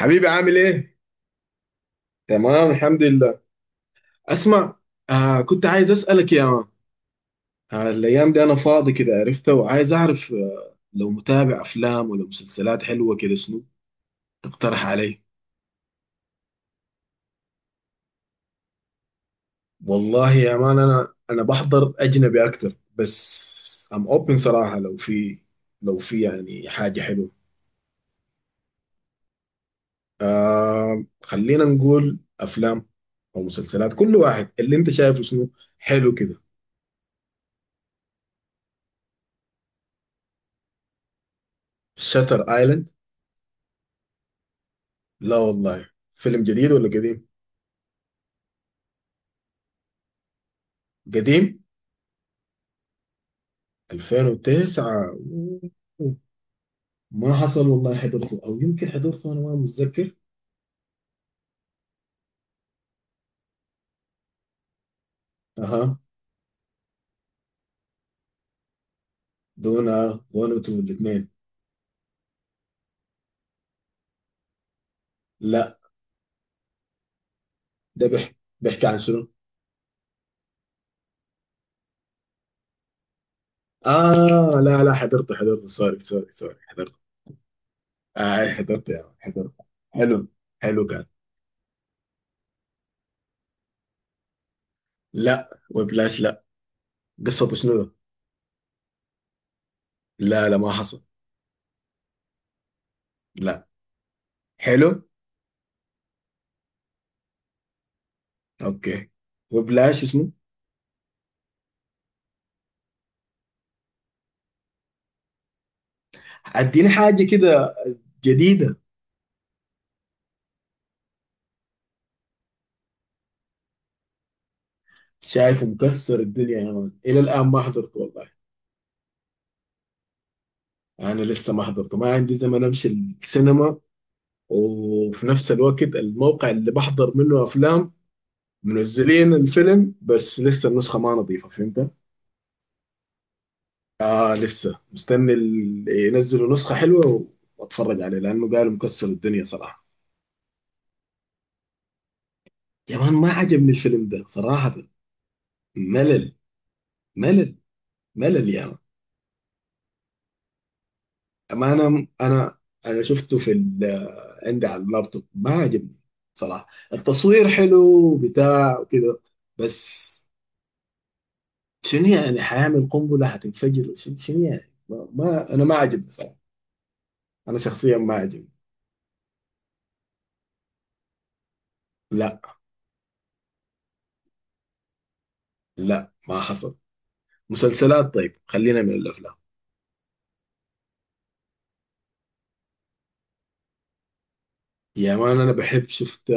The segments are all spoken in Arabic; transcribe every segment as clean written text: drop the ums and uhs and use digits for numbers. حبيبي عامل ايه؟ تمام الحمد لله. اسمع، كنت عايز اسألك يا مان. الايام دي انا فاضي كده، عرفت، وعايز اعرف لو متابع افلام ولا مسلسلات حلوة كده، شنو تقترح علي؟ والله يا مان انا بحضر اجنبي اكتر، بس اوبن صراحة. لو في، لو في يعني حاجة حلوة. خلينا نقول افلام او مسلسلات، كل واحد اللي انت شايفه شنو. حلو كده. شاتر ايلاند؟ لا والله، فيلم جديد ولا قديم؟ قديم؟ 2009؟ ما حصل والله، حضرته او يمكن حضرته، انا ما متذكر. اها. دونا 1 و 2 الاثنين. لا. ده بيحكي عن شنو؟ اه لا لا حضرته، حضرته، سوري سوري سوري، حضرته. آه أي حضرته يا مان، حضرته. حلو. حلو كان. لا وبلاش لا. قصته شنو ده؟ لا لا ما حصل. لا. حلو. اوكي. وبلاش اسمه. اديني حاجه كده جديده. شايفه مكسر الدنيا يا مان، الى الان ما حضرته والله. انا لسه ما حضرته، ما عندي زمن امشي السينما، وفي نفس الوقت الموقع اللي بحضر منه افلام منزلين الفيلم بس لسه النسخه ما نظيفه، فهمت. آه لسه مستني ينزلوا نسخه حلوه واتفرج عليه لانه قالوا مكسر الدنيا صراحه. يا مان ما عجبني الفيلم ده صراحه، ملل. ملل، ملل يا مان. أما انا شفته في عندي على اللابتوب، ما عجبني صراحه. التصوير حلو بتاع وكذا، بس شنو يعني، حيعمل قنبلة هتنفجر، شنو شنو يعني؟ ما أنا ما عجبني صراحة. أنا شخصيا ما عجبني. لا لا ما حصل. مسلسلات طيب، خلينا من الأفلام. يا مان أنا بحب شفت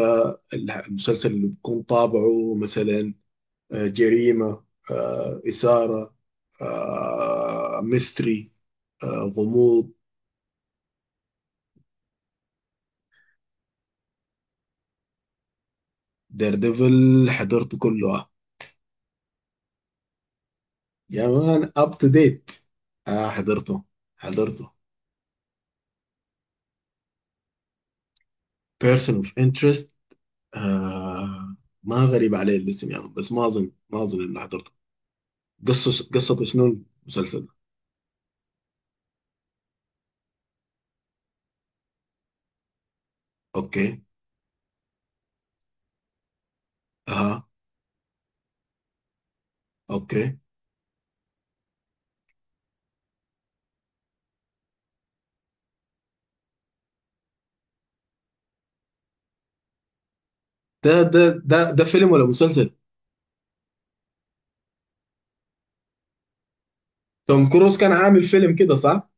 المسلسل اللي بيكون طابعه مثلا جريمة، إثارة، ميستري، آه، غموض. دير ديفل حضرته كله آه. يا مان اب تو ديت. آه حضرته، حضرته. بيرسون اوف انترست؟ آه ما غريب عليه الاسم يعني، بس ما اظن، ما اظن اني حضرته. قصة شنو المسلسل؟ اوكي. اها. اوكي. ده فيلم ولا مسلسل؟ توم كروز كان عامل فيلم كده صح؟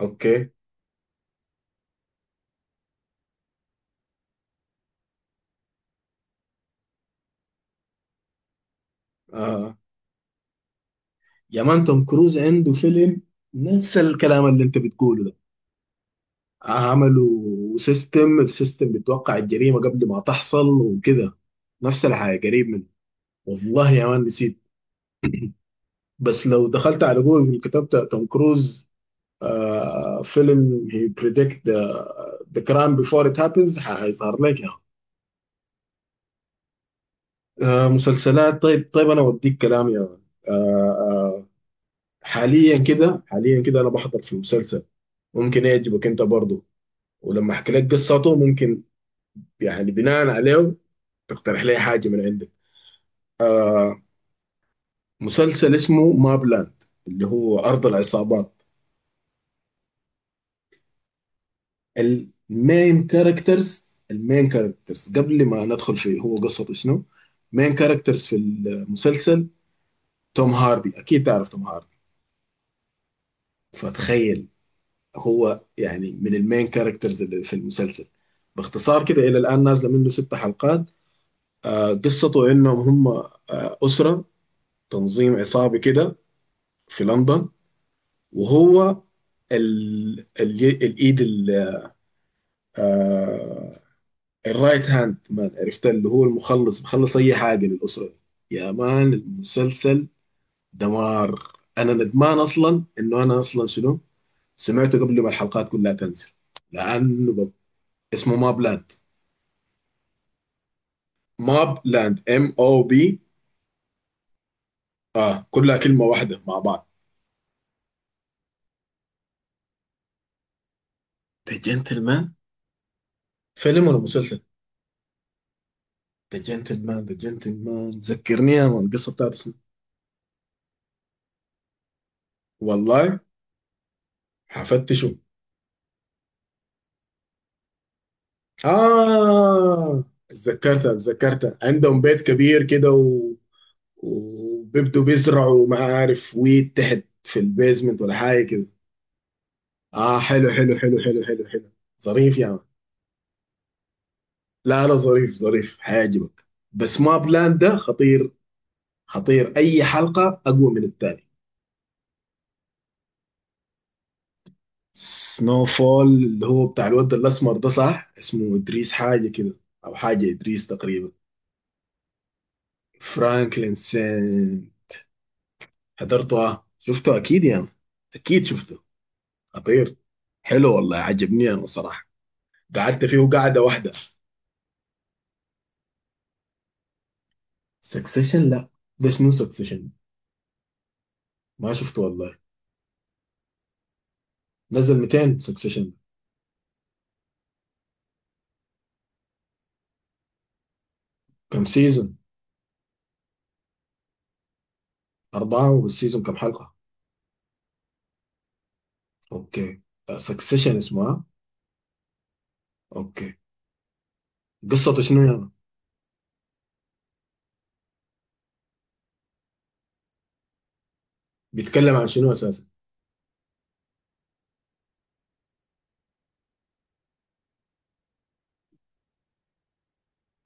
اوكي. آه يا مان توم كروز عنده فيلم نفس الكلام اللي انت بتقوله ده. عملوا سيستم، السيستم بتوقع الجريمة قبل ما تحصل وكده، نفس الحاجة قريب منه. والله يا مان نسيت، بس لو دخلت على جوجل كتبت توم كروز آه فيلم هي بريدكت ذا كرايم بيفور ات هابنز، هيظهر لك. يا آه مسلسلات طيب، طيب انا اوديك كلام يا مان. آه آه حاليا كده انا بحضر في مسلسل، ممكن يعجبك انت برضه. ولما احكي لك قصته ممكن يعني بناء عليه تقترح لي حاجه من عندك. آه مسلسل اسمه مابلاند، اللي هو ارض العصابات. المين كاركترز قبل ما ندخل في هو قصته شنو، مين كاركترز في المسلسل توم هاردي، اكيد تعرف توم هاردي. فتخيل، هو يعني من المين كاركترز اللي في المسلسل. باختصار كده، الى الان نازله منه 6 حلقات. قصته انهم هم اسره، تنظيم عصابي كده في لندن. وهو الايد آه، الرايت هاند مان، عرفت، اللي هو المخلص بخلص اي حاجه للاسره دي. يا مان المسلسل دمار. انا ندمان اصلا انه انا اصلا شنو، سمعته قبل ما الحلقات كلها تنزل، لانه اسمه ماب لاند. ماب لاند، ام او بي. اه كلها كلمه واحده مع بعض. ذا جنتلمان. فيلم ولا مسلسل؟ ذا جنتلمان ذكرني يا مان القصه بتاعته شنو. والله حفتشه. آه اتذكرتها، عندهم بيت كبير كده وبيبدوا بيزرعوا ما عارف ويت تحت في البيزمنت ولا حاجة كده. آه حلو حلو حلو حلو حلو حلو، ظريف يا مان. لا لا ظريف، ظريف حيعجبك. بس ما بلاند ده خطير، خطير أي حلقة أقوى من التاني. سنو فول اللي هو بتاع الواد الأسمر ده صح، اسمه إدريس حاجة كده، أو حاجة إدريس تقريبا. فرانكلين سين، حضرته اه شفته اكيد يا يعني. اكيد شفته. خطير. حلو والله عجبني انا صراحه، قعدت فيه قعده واحده. سكسيشن؟ لا، ده شنو سكسيشن؟ ما شفته والله. نزل 200 سكسيشن؟ كم سيزون؟ أربعة، والسيزون كم حلقة؟ أوكي. سكسيشن اسمها. أوكي. قصته شنو يعني، بيتكلم عن شنو أساسا؟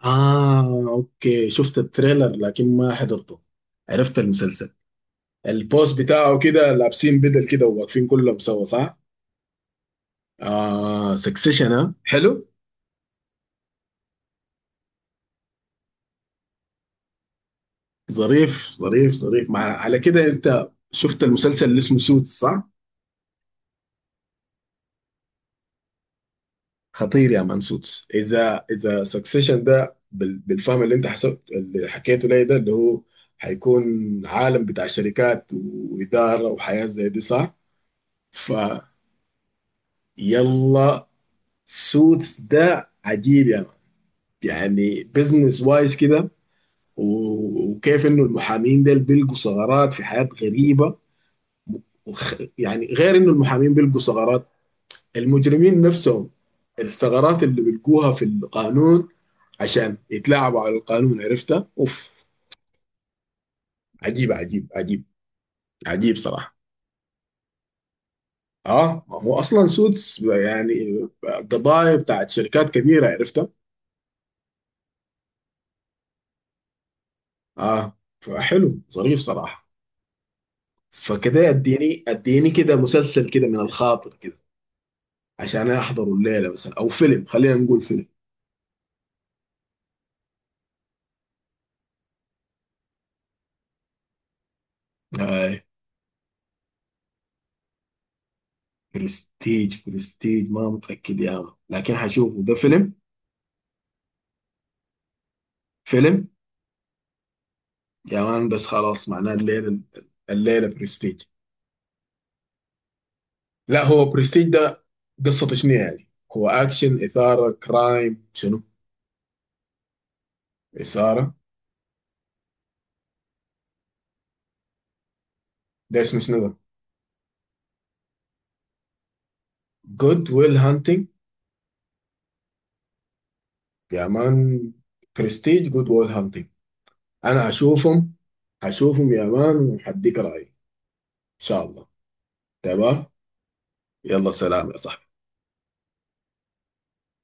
آه أوكي، شفت التريلر لكن ما حضرته، عرفت المسلسل. البوست بتاعه كده لابسين بدل كده وواقفين كلهم سوا صح؟ آه سكسيشن ها، حلو. ظريف ظريف ظريف. مع على كده انت شفت المسلسل اللي اسمه سوتس صح؟ خطير يا مان سوتس. اذا اذا سكسيشن ده بالفهم اللي انت حسبت اللي حكيته لي ده اللي هو هيكون عالم بتاع شركات واداره وحياه زي دي صح؟ فيلا سوتس ده عجيب يا مان، يعني بزنس وايز كده، وكيف انه المحامين دول بيلقوا ثغرات في حياه غريبه. يعني غير انه المحامين بيلقوا ثغرات، المجرمين نفسهم الثغرات اللي بيلقوها في القانون عشان يتلاعبوا على القانون، عرفتها اوف. عجيب عجيب عجيب، عجيب صراحة. اه ما هو اصلا سودس يعني قضايا بتاعت شركات كبيرة، عرفتها. اه فحلو، ظريف صراحة. فكده اديني، اديني كده مسلسل كده من الخاطر كده عشان احضره الليلة مثلا، او فيلم، خلينا نقول فيلم. آه برستيج. برستيج ما متأكد يا مان لكن هشوفه. ده فيلم؟ فيلم يا مان بس خلاص، معناه الليلة. الليلة برستيج. لا هو برستيج ده قصته شنو يعني، هو أكشن إثارة كرايم شنو؟ إثارة. ده اسمه شنو ده؟ جود ويل هانتنج. يا مان برستيج، جود ويل هانتنج، أنا هشوفهم. هشوفهم يا مان وهديك رأيي إن شاء الله. تمام. يلا سلام يا صاحبي.